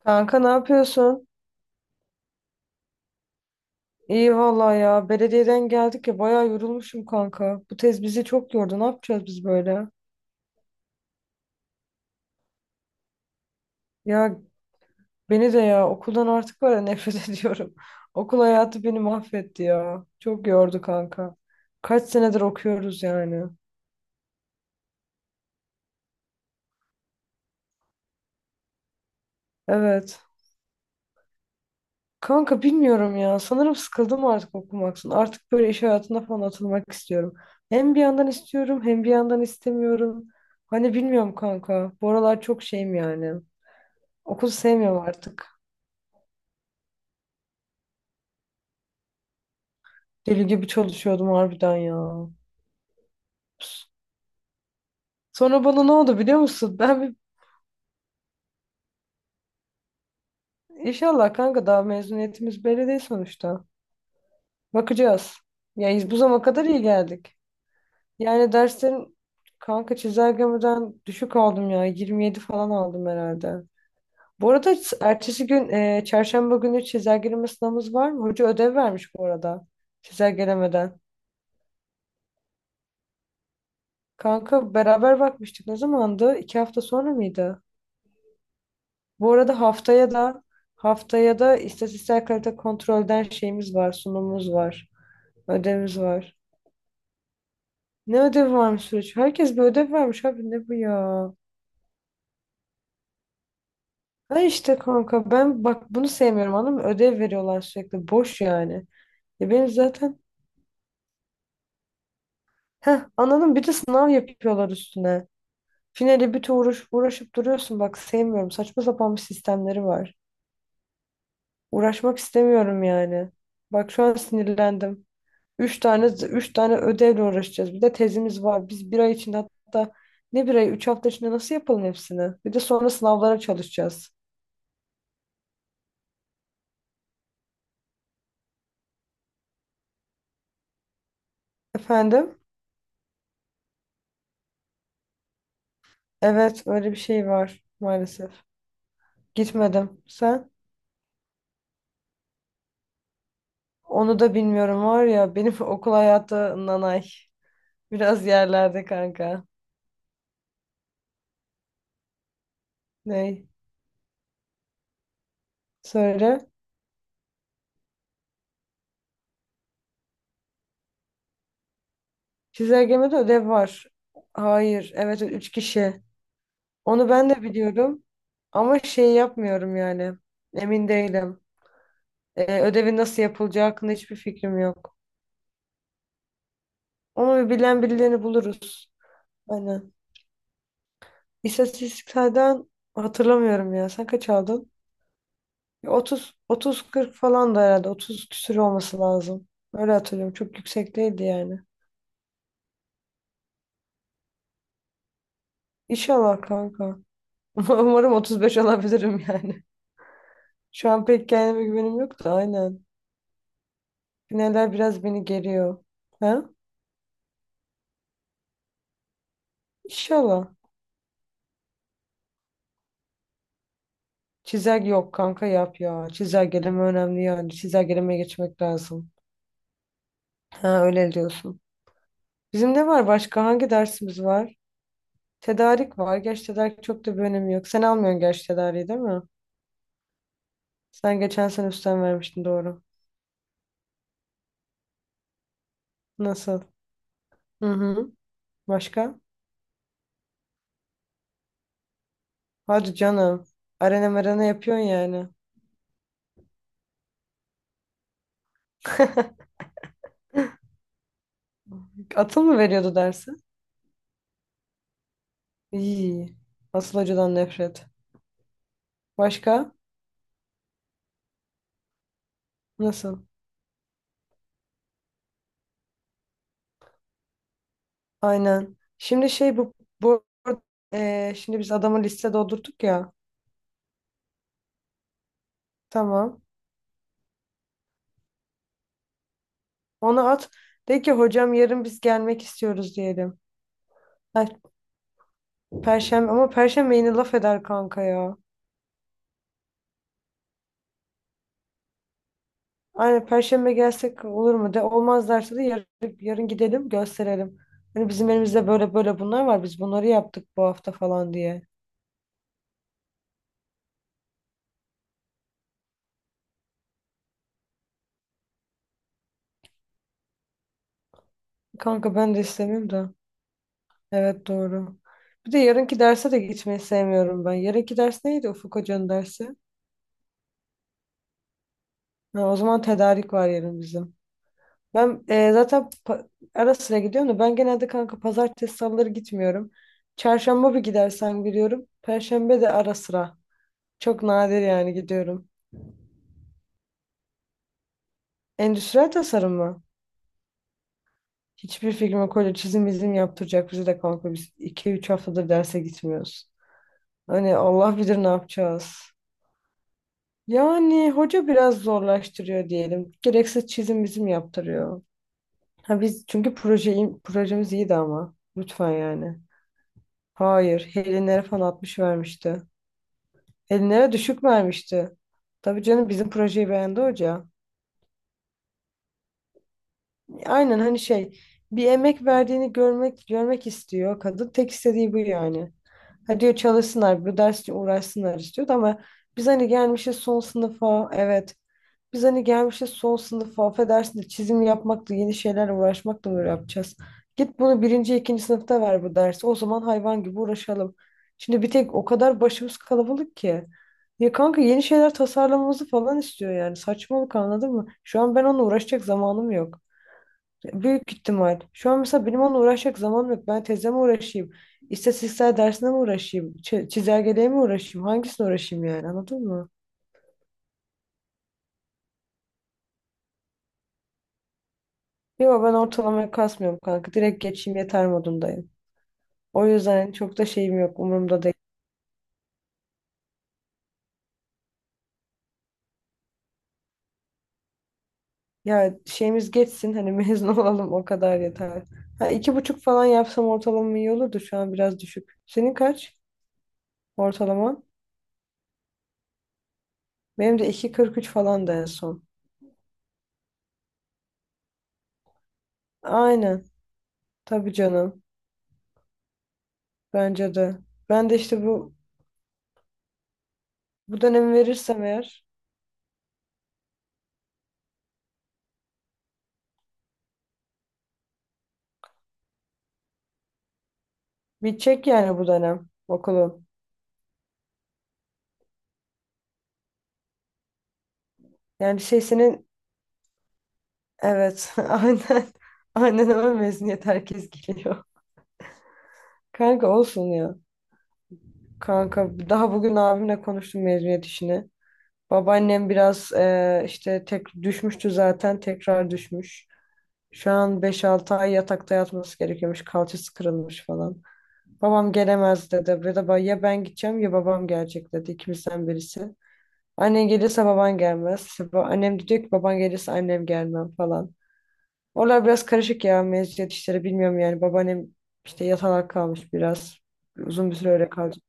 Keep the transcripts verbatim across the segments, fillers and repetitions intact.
Kanka ne yapıyorsun? İyi vallahi ya. Belediyeden geldik ya, bayağı yorulmuşum kanka. Bu tez bizi çok yordu. Ne yapacağız biz böyle? Ya beni de ya okuldan artık var ya nefret ediyorum. Okul hayatı beni mahvetti ya. Çok yordu kanka. Kaç senedir okuyoruz yani. Evet. Kanka bilmiyorum ya. Sanırım sıkıldım artık okumaktan. Artık böyle iş hayatına falan atılmak istiyorum. Hem bir yandan istiyorum, hem bir yandan istemiyorum. Hani bilmiyorum kanka. Bu aralar çok şeyim yani. Okulu sevmiyorum artık. Deli gibi çalışıyordum harbiden ya. Sonra bana ne oldu biliyor musun? Ben bir... inşallah kanka, daha mezuniyetimiz belli değil sonuçta. Bakacağız. Ya biz bu zamana kadar iyi geldik. Yani derslerin, kanka çizelgemeden düşük aldım ya. yirmi yedi falan aldım herhalde. Bu arada ertesi gün, e, çarşamba günü çizelgeleme sınavımız var mı? Hoca ödev vermiş bu arada. Çizelgelemeden. Kanka beraber bakmıştık. Ne zamandı? İki hafta sonra mıydı? Bu arada haftaya da haftaya da istatistiksel kalite kontrolden şeyimiz var, sunumumuz var, ödevimiz var. Ne ödevi varmış süreç? Herkes bir ödev vermiş abi, ne bu ya? Ha işte kanka ben bak bunu sevmiyorum, anladın mı? Ödev veriyorlar sürekli, boş yani. Ya benim zaten heh, anladın mı? Bir de sınav yapıyorlar üstüne. Finali bütün uğraş, uğraşıp duruyorsun bak, sevmiyorum. Saçma sapan bir sistemleri var. Uğraşmak istemiyorum yani. Bak şu an sinirlendim. Üç tane üç tane ödevle uğraşacağız. Bir de tezimiz var. Biz bir ay içinde, hatta ne bir ay, üç hafta içinde nasıl yapalım hepsini? Bir de sonra sınavlara çalışacağız. Efendim? Evet, öyle bir şey var maalesef. Gitmedim. Sen? Onu da bilmiyorum var ya. Benim okul hayatı nanay. Biraz yerlerde kanka. Ney? Söyle. Çizelgemede ödev var. Hayır. Evet, üç kişi. Onu ben de biliyorum. Ama şey yapmıyorum yani. Emin değilim. Ee, ödevin nasıl yapılacağı hakkında hiçbir fikrim yok. Ama bir bilen birilerini buluruz. Aynen. İstatistiklerden hatırlamıyorum ya. Sen kaç aldın? Ya Otuz, otuz kırk falan da herhalde. Otuz küsür olması lazım. Öyle hatırlıyorum. Çok yüksek değildi yani. İnşallah kanka. Umarım otuz beş alabilirim yani. Şu an pek kendime güvenim yok da, aynen. Finaller biraz beni geriyor. Ha? İnşallah. Çizelge yok kanka, yap ya. Çizelgeleme önemli yani. Çizelgelemeye geçmek lazım. Ha, öyle diyorsun. Bizim ne var başka? Hangi dersimiz var? Tedarik var. Geç tedarik çok da bir önemi yok. Sen almıyorsun geç tedariği, değil mi? Sen geçen sene üstten vermiştin, doğru. Nasıl? Hı hı. Başka? Hadi canım. Arena merana yapıyorsun yani. Atıl mı veriyordu dersi? İyi. Asıl hocadan nefret. Başka? Nasıl? Aynen. Şimdi şey bu bu eee, şimdi biz adamı liste doldurduk ya. Tamam. Ona at. De ki hocam, yarın biz gelmek istiyoruz diyelim. Ha, Perşembe, ama Perşembe yine laf eder kanka ya. Aynen, Perşembe gelsek olur mu? De olmaz derse de yarın, yarın gidelim, gösterelim. Hani bizim elimizde böyle böyle bunlar var. Biz bunları yaptık bu hafta falan diye. Kanka ben de istemiyorum da. Evet, doğru. Bir de yarınki derse de gitmeyi sevmiyorum ben. Yarınki ders neydi, Ufuk Hoca'nın dersi? Ha, o zaman tedarik var yarın bizim. Ben e, zaten pa- ara sıra gidiyorum da, ben genelde kanka pazartesi salıları gitmiyorum. Çarşamba bir gidersen gidiyorum. Perşembe de ara sıra. Çok nadir yani gidiyorum. Endüstriyel tasarım mı? Hiçbir fikrim yok. Öyle çizim izim yaptıracak bizi de kanka. Biz iki üç haftadır derse gitmiyoruz. Hani Allah bilir ne yapacağız. Yani hoca biraz zorlaştırıyor diyelim. Gereksiz çizim bizim yaptırıyor. Ha, biz çünkü proje, projemiz iyiydi ama. Lütfen yani. Hayır, Helinlere falan altmış vermişti. Helinlere düşük vermişti. Tabii canım, bizim projeyi beğendi hoca. Aynen, hani şey, bir emek verdiğini görmek görmek istiyor. Kadın tek istediği bu yani. Ha diyor çalışsınlar, bu dersle uğraşsınlar istiyordu ama biz hani gelmişiz son sınıfa, evet. Biz hani gelmişiz son sınıfa, affedersin de çizim yapmakla, yeni şeylerle uğraşmakla mı böyle yapacağız? Git bunu birinci, ikinci sınıfta ver bu dersi. O zaman hayvan gibi uğraşalım. Şimdi bir tek o kadar başımız kalabalık ki. Ya kanka yeni şeyler tasarlamamızı falan istiyor yani. Saçmalık, anladın mı? Şu an ben onunla uğraşacak zamanım yok. Büyük ihtimal. Şu an mesela benim onunla uğraşacak zamanım yok. Ben tezle mi uğraşayım? İstatistiksel dersine mi uğraşayım? Çi- Çizelgeliğe mi uğraşayım? Hangisine uğraşayım yani, anladın mı? Yok, ben ortalamaya kasmıyorum kanka. Direkt geçeyim yeter modundayım. O yüzden çok da şeyim yok, umurumda değil. Ya şeyimiz geçsin, hani mezun olalım, o kadar yeter. Ha, iki buçuk falan yapsam ortalamam iyi olurdu, şu an biraz düşük. Senin kaç ortalaman? Benim de iki kırk üç falan, da en son. Aynen. Tabii canım. Bence de. Ben de işte bu Bu dönemi verirsem eğer, bitecek yani bu dönem okulum. Yani şey senin, evet, aynen aynen öyle, mezuniyet herkes geliyor. Kanka olsun ya. Kanka daha bugün abimle konuştum mezuniyet işini. Babaannem biraz eee, işte tek düşmüştü zaten, tekrar düşmüş. Şu an beş altı ay yatakta yatması gerekiyormuş. Kalçası kırılmış falan. Babam gelemez dedi. Ya da ba- ya ben gideceğim ya babam gelecek dedi. İkimizden birisi. Annen gelirse baban gelmez. İşte ba- annem de diyor ki baban gelirse annem gelmem falan. Oralar biraz karışık ya, mezuniyet işleri bilmiyorum yani. Babaannem işte yatalak kalmış biraz. Uzun bir süre öyle kalacak.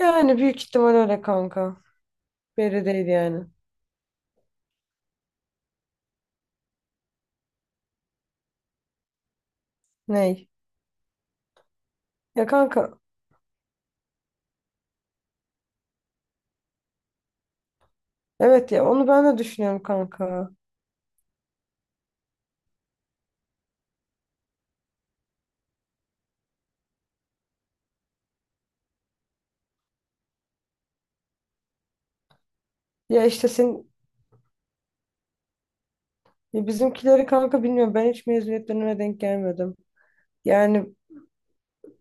Yani büyük ihtimal öyle kanka. Belli değil yani. Ney? Ya kanka, evet, ya onu ben de düşünüyorum kanka. Ya işte senin, ya bizimkileri kanka bilmiyorum, ben hiç mezuniyetlerine denk gelmedim. Yani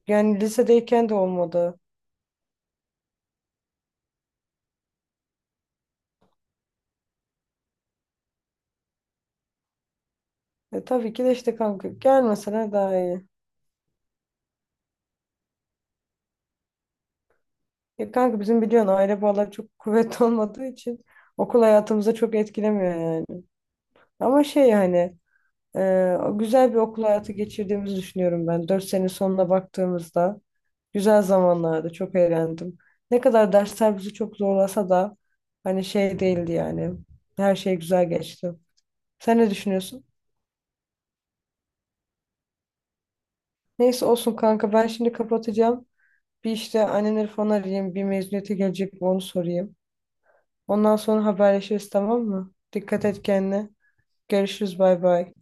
yani lisedeyken de olmadı. E, tabii ki de işte kanka, gelmesene daha iyi. Ya kanka bizim biliyorsun aile bağları çok kuvvetli olmadığı için okul hayatımıza çok etkilemiyor yani. Ama şey hani e, güzel bir okul hayatı geçirdiğimizi düşünüyorum ben. Dört sene sonuna baktığımızda güzel zamanlardı. Çok eğlendim. Ne kadar dersler bizi çok zorlasa da hani şey değildi yani. Her şey güzel geçti. Sen ne düşünüyorsun? Neyse olsun kanka, ben şimdi kapatacağım. Bir işte annemleri falan arayayım. Bir mezuniyete gelecek mi onu sorayım. Ondan sonra haberleşiriz, tamam mı? Dikkat et kendine. Görüşürüz, bay bay.